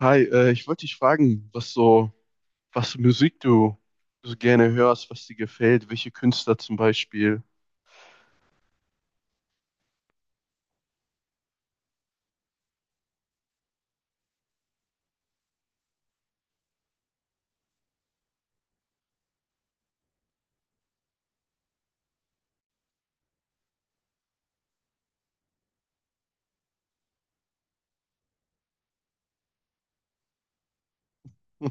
Hi, ich wollte dich fragen, was so, was für Musik du so gerne hörst, was dir gefällt, welche Künstler zum Beispiel. Hm.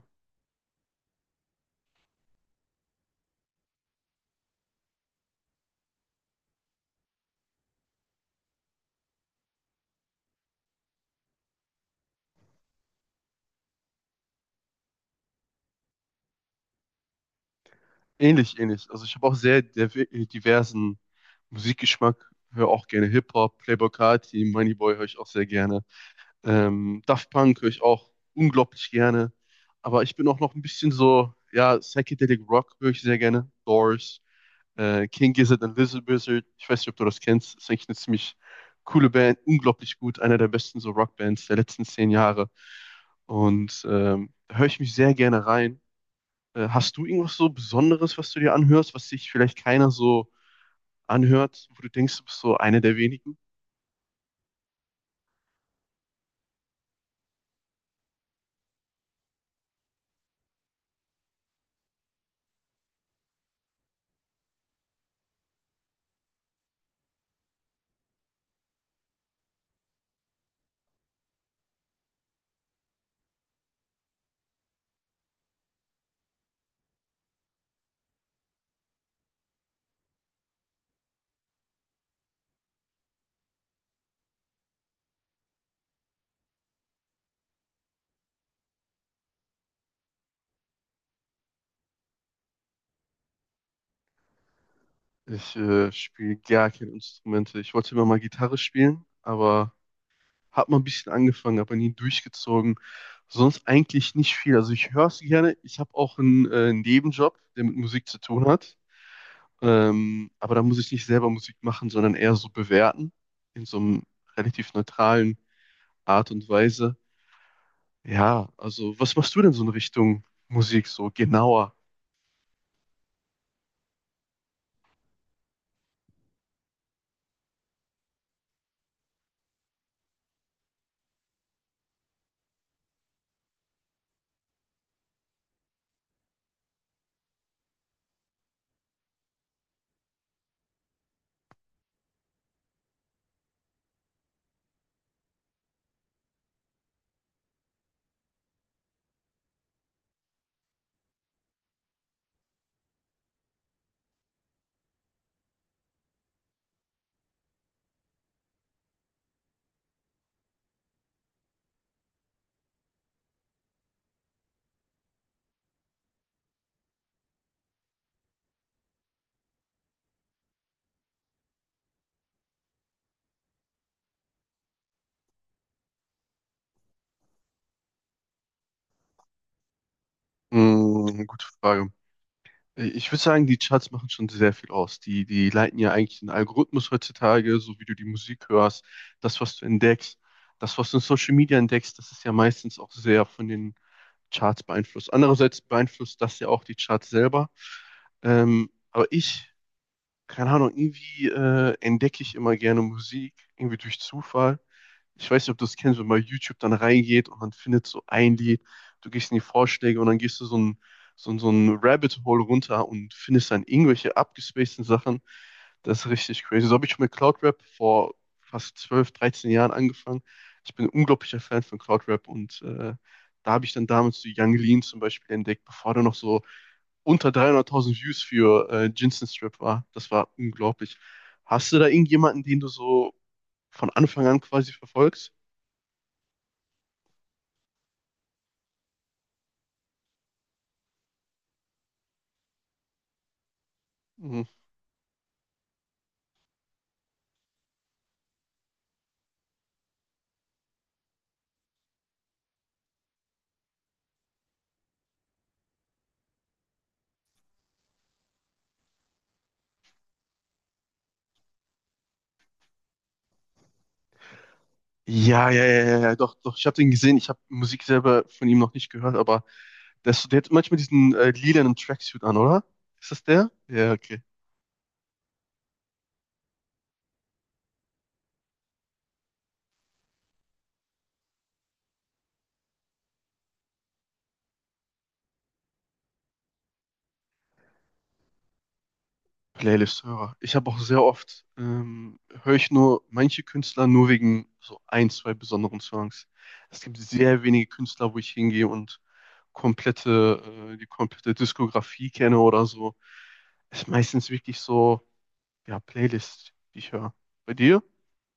Ähnlich, ähnlich. Also ich habe auch sehr diversen Musikgeschmack, höre auch gerne Hip-Hop, Playboi Carti, Moneyboy höre ich auch sehr gerne. Daft Punk höre ich auch unglaublich gerne. Aber ich bin auch noch ein bisschen so, ja, Psychedelic Rock höre ich sehr gerne, Doors. King Gizzard and Lizard Wizard. Ich weiß nicht, ob du das kennst. Das ist eigentlich eine ziemlich coole Band, unglaublich gut, einer der besten so Rockbands der letzten 10 Jahre. Und da höre ich mich sehr gerne rein. Hast du irgendwas so Besonderes, was du dir anhörst, was sich vielleicht keiner so anhört, wo du denkst, du bist so einer der wenigen? Ich spiele gar keine Instrumente. Ich wollte immer mal Gitarre spielen, aber hab mal ein bisschen angefangen, aber nie durchgezogen. Sonst eigentlich nicht viel. Also ich höre es gerne. Ich habe auch einen Nebenjob, der mit Musik zu tun hat. Aber da muss ich nicht selber Musik machen, sondern eher so bewerten. In so einem relativ neutralen Art und Weise. Ja, also was machst du denn so in Richtung Musik so genauer? Hm, gute Frage. Ich würde sagen, die Charts machen schon sehr viel aus. Die leiten ja eigentlich den Algorithmus heutzutage, so wie du die Musik hörst, das, was du entdeckst, das, was du in Social Media entdeckst, das ist ja meistens auch sehr von den Charts beeinflusst. Andererseits beeinflusst das ja auch die Charts selber. Aber ich keine Ahnung, irgendwie entdecke ich immer gerne Musik, irgendwie durch Zufall. Ich weiß nicht, ob du das kennst, wenn man bei YouTube dann reingeht und man findet so ein Lied, du gehst in die Vorschläge und dann gehst du so ein Rabbit Hole runter und findest dann irgendwelche abgespaceden Sachen. Das ist richtig crazy. So habe ich mit Cloud Rap vor fast 12, 13 Jahren angefangen. Ich bin ein unglaublicher Fan von Cloud Rap und da habe ich dann damals so Young Lean zum Beispiel entdeckt, bevor der noch so unter 300.000 Views für Jinsen Strip war. Das war unglaublich. Hast du da irgendjemanden, den du so von Anfang an quasi verfolgst? Mhm. Ja, ja, ja, ja, ja, doch, doch. Ich habe den gesehen. Ich habe Musik selber von ihm noch nicht gehört, aber der hat manchmal diesen lilanen Tracksuit an, oder? Ist das der? Ja, okay. Playlist-Hörer. Ich habe auch sehr oft, höre ich nur manche Künstler nur wegen so ein, zwei besonderen Songs. Es gibt sehr wenige Künstler, wo ich hingehe und komplette, die komplette Diskografie kenne oder so. Ist meistens wirklich so, ja, Playlist, die ich höre. Bei dir?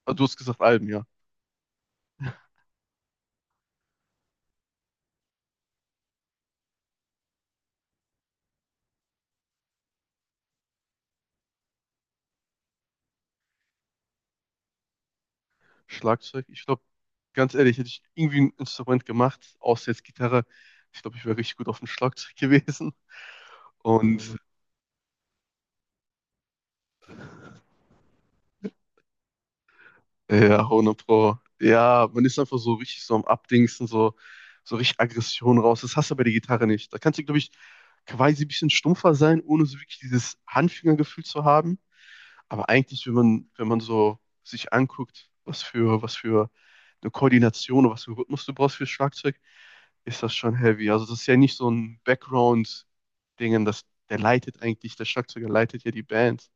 Ah, du hast gesagt Alben, ja. Schlagzeug. Ich glaube, ganz ehrlich, hätte ich irgendwie ein Instrument gemacht, außer jetzt Gitarre. Ich glaube, ich wäre richtig gut auf dem Schlagzeug gewesen. Mhm. Ja, 100 Pro. Ja, man ist einfach so richtig so am Abdingsen, so, so richtig Aggression raus. Das hast du bei der Gitarre nicht. Da kannst du, glaube ich, quasi ein bisschen stumpfer sein, ohne so wirklich dieses Handfingergefühl zu haben. Aber eigentlich, wenn man so sich anguckt, was für eine Koordination oder was für einen Rhythmus du brauchst fürs Schlagzeug, ist das schon heavy. Also das ist ja nicht so ein Background-Dingen, das, der leitet eigentlich, der Schlagzeuger leitet ja die Band.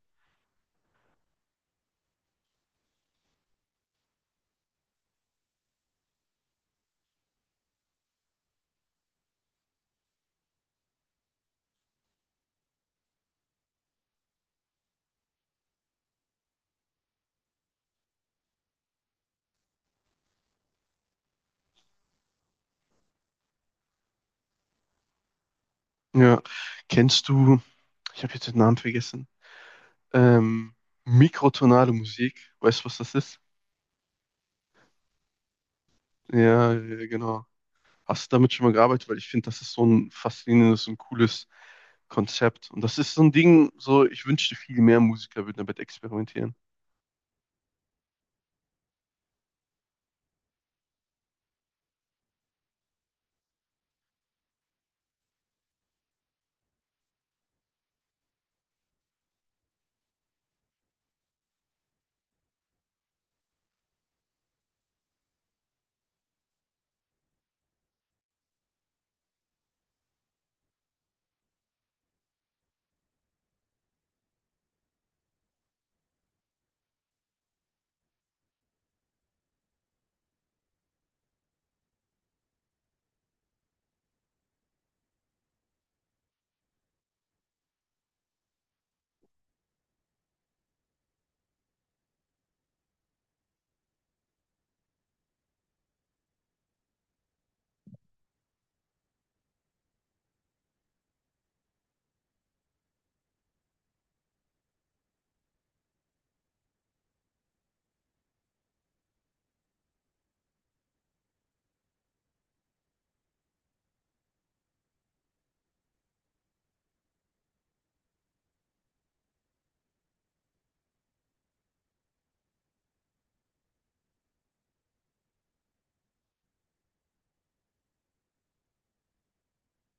Ja, kennst du, ich habe jetzt den Namen vergessen, ähm, mikrotonale Musik, weißt du, was das ist? Ja, ja, genau. Hast du damit schon mal gearbeitet? Weil ich finde, das ist so ein faszinierendes und cooles Konzept. Und das ist so ein Ding, so ich wünschte, viel mehr Musiker würden damit experimentieren.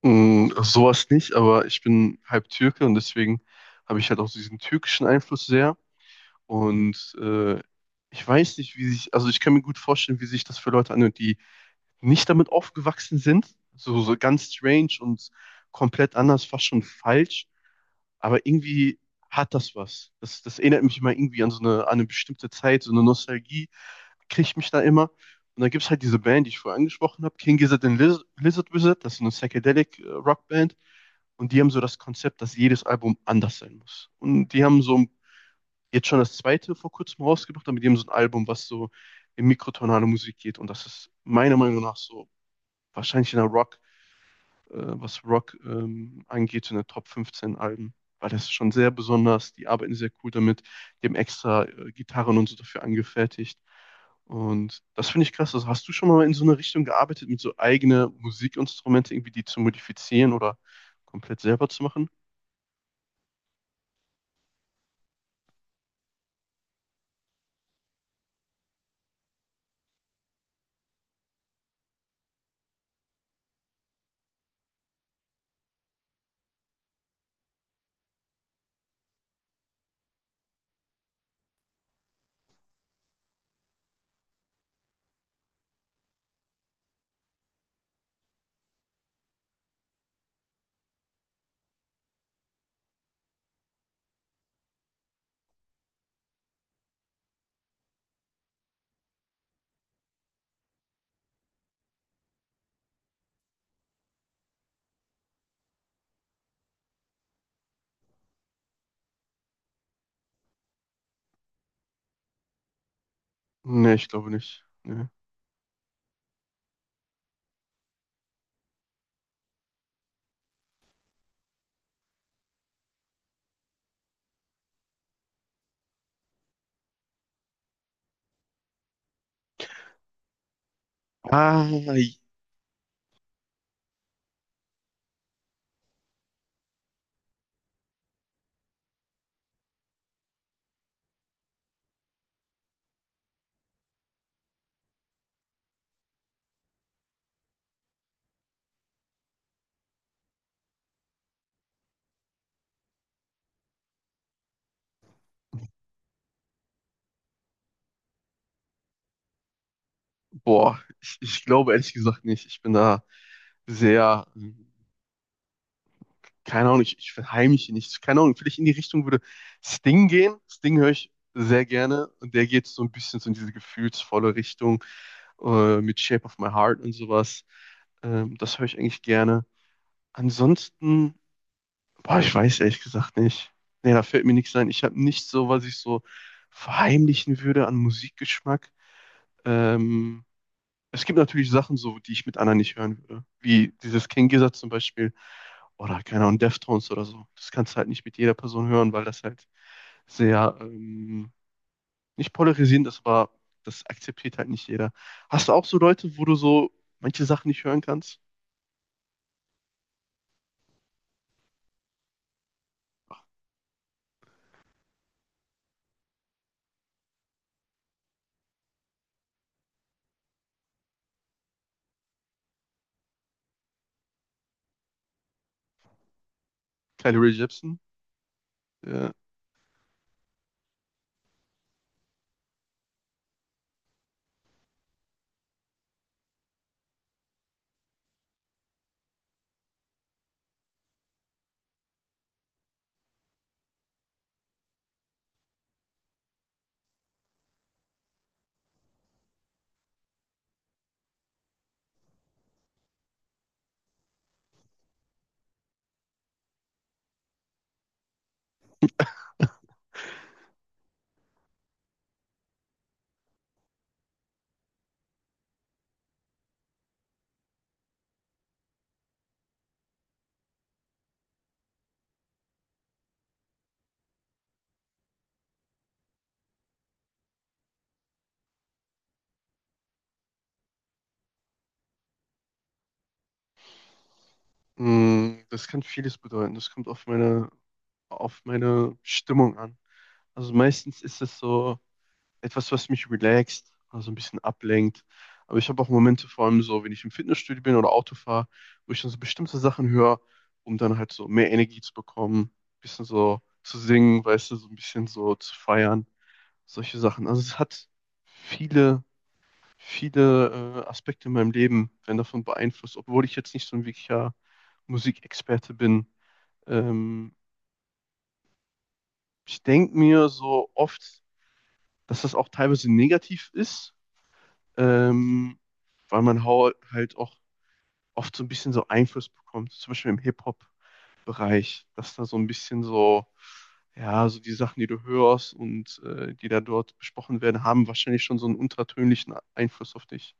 Sowas nicht, aber ich bin halb Türke und deswegen habe ich halt auch diesen türkischen Einfluss sehr. Und ich weiß nicht, wie sich, also ich kann mir gut vorstellen, wie sich das für Leute anhört, die nicht damit aufgewachsen sind. So, so ganz strange und komplett anders, fast schon falsch. Aber irgendwie hat das was. Das erinnert mich immer irgendwie an so eine, an eine bestimmte Zeit, so eine Nostalgie kriegt mich da immer. Und dann gibt es halt diese Band, die ich vorher angesprochen habe, King Gizzard and Lizard Wizard, das ist so eine Psychedelic Rockband. Und die haben so das Konzept, dass jedes Album anders sein muss. Und die haben so jetzt schon das zweite vor kurzem rausgebracht, aber die haben so ein Album, was so in mikrotonale Musik geht. Und das ist meiner Meinung nach so wahrscheinlich in der Rock was Rock angeht, in der Top 15 Alben, weil das ist schon sehr besonders. Die arbeiten sehr cool damit, die haben extra Gitarren und so dafür angefertigt. Und das finde ich krass. Also hast du schon mal in so eine Richtung gearbeitet, mit so eigene Musikinstrumente irgendwie die zu modifizieren oder komplett selber zu machen? Nee, ich glaube nicht. Nee. Ah, boah, ich glaube ehrlich gesagt nicht. Ich bin da sehr keine Ahnung, ich verheimliche nichts. Keine Ahnung, vielleicht in die Richtung würde Sting gehen. Sting höre ich sehr gerne und der geht so ein bisschen so in diese gefühlsvolle Richtung mit Shape of My Heart und sowas. Das höre ich eigentlich gerne. Ansonsten, boah, ich weiß ehrlich gesagt nicht. Nee, da fällt mir nichts ein. Ich habe nicht so, was ich so verheimlichen würde an Musikgeschmack. Ähm, es gibt natürlich Sachen so, die ich mit anderen nicht hören würde. Wie dieses King Gizzard zum Beispiel oder keine Ahnung, Deftones oder so. Das kannst du halt nicht mit jeder Person hören, weil das halt sehr, nicht polarisierend ist, aber das akzeptiert halt nicht jeder. Hast du auch so Leute, wo du so manche Sachen nicht hören kannst? Kylie Rae Jepsen? Ja. Das kann vieles bedeuten. Das kommt auf meine Stimmung an. Also meistens ist es so, etwas, was mich relaxt, also ein bisschen ablenkt. Aber ich habe auch Momente, vor allem so, wenn ich im Fitnessstudio bin oder Auto fahre, wo ich dann so bestimmte Sachen höre, um dann halt so mehr Energie zu bekommen, bisschen so zu singen, weißt du, so ein bisschen so zu feiern, solche Sachen. Also es hat viele, viele Aspekte in meinem Leben, werden davon beeinflusst, obwohl ich jetzt nicht so ein wirklicher Musikexperte bin. Ähm, ich denke mir so oft, dass das auch teilweise negativ ist, ähm, weil man halt auch oft so ein bisschen so Einfluss bekommt, zum Beispiel im Hip-Hop-Bereich, dass da so ein bisschen so, ja, so die Sachen, die du hörst und die da dort besprochen werden, haben wahrscheinlich schon so einen untertönlichen Einfluss auf dich.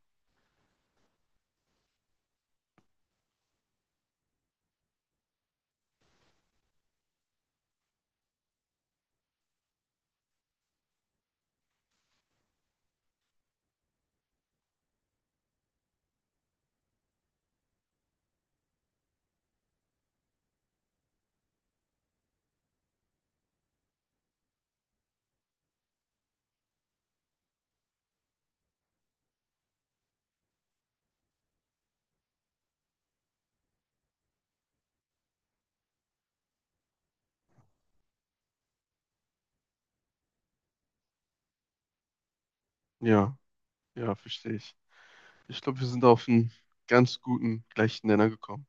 Ja, ja, verstehe ich. Ich glaube, wir sind auf einen ganz guten gleichen Nenner gekommen.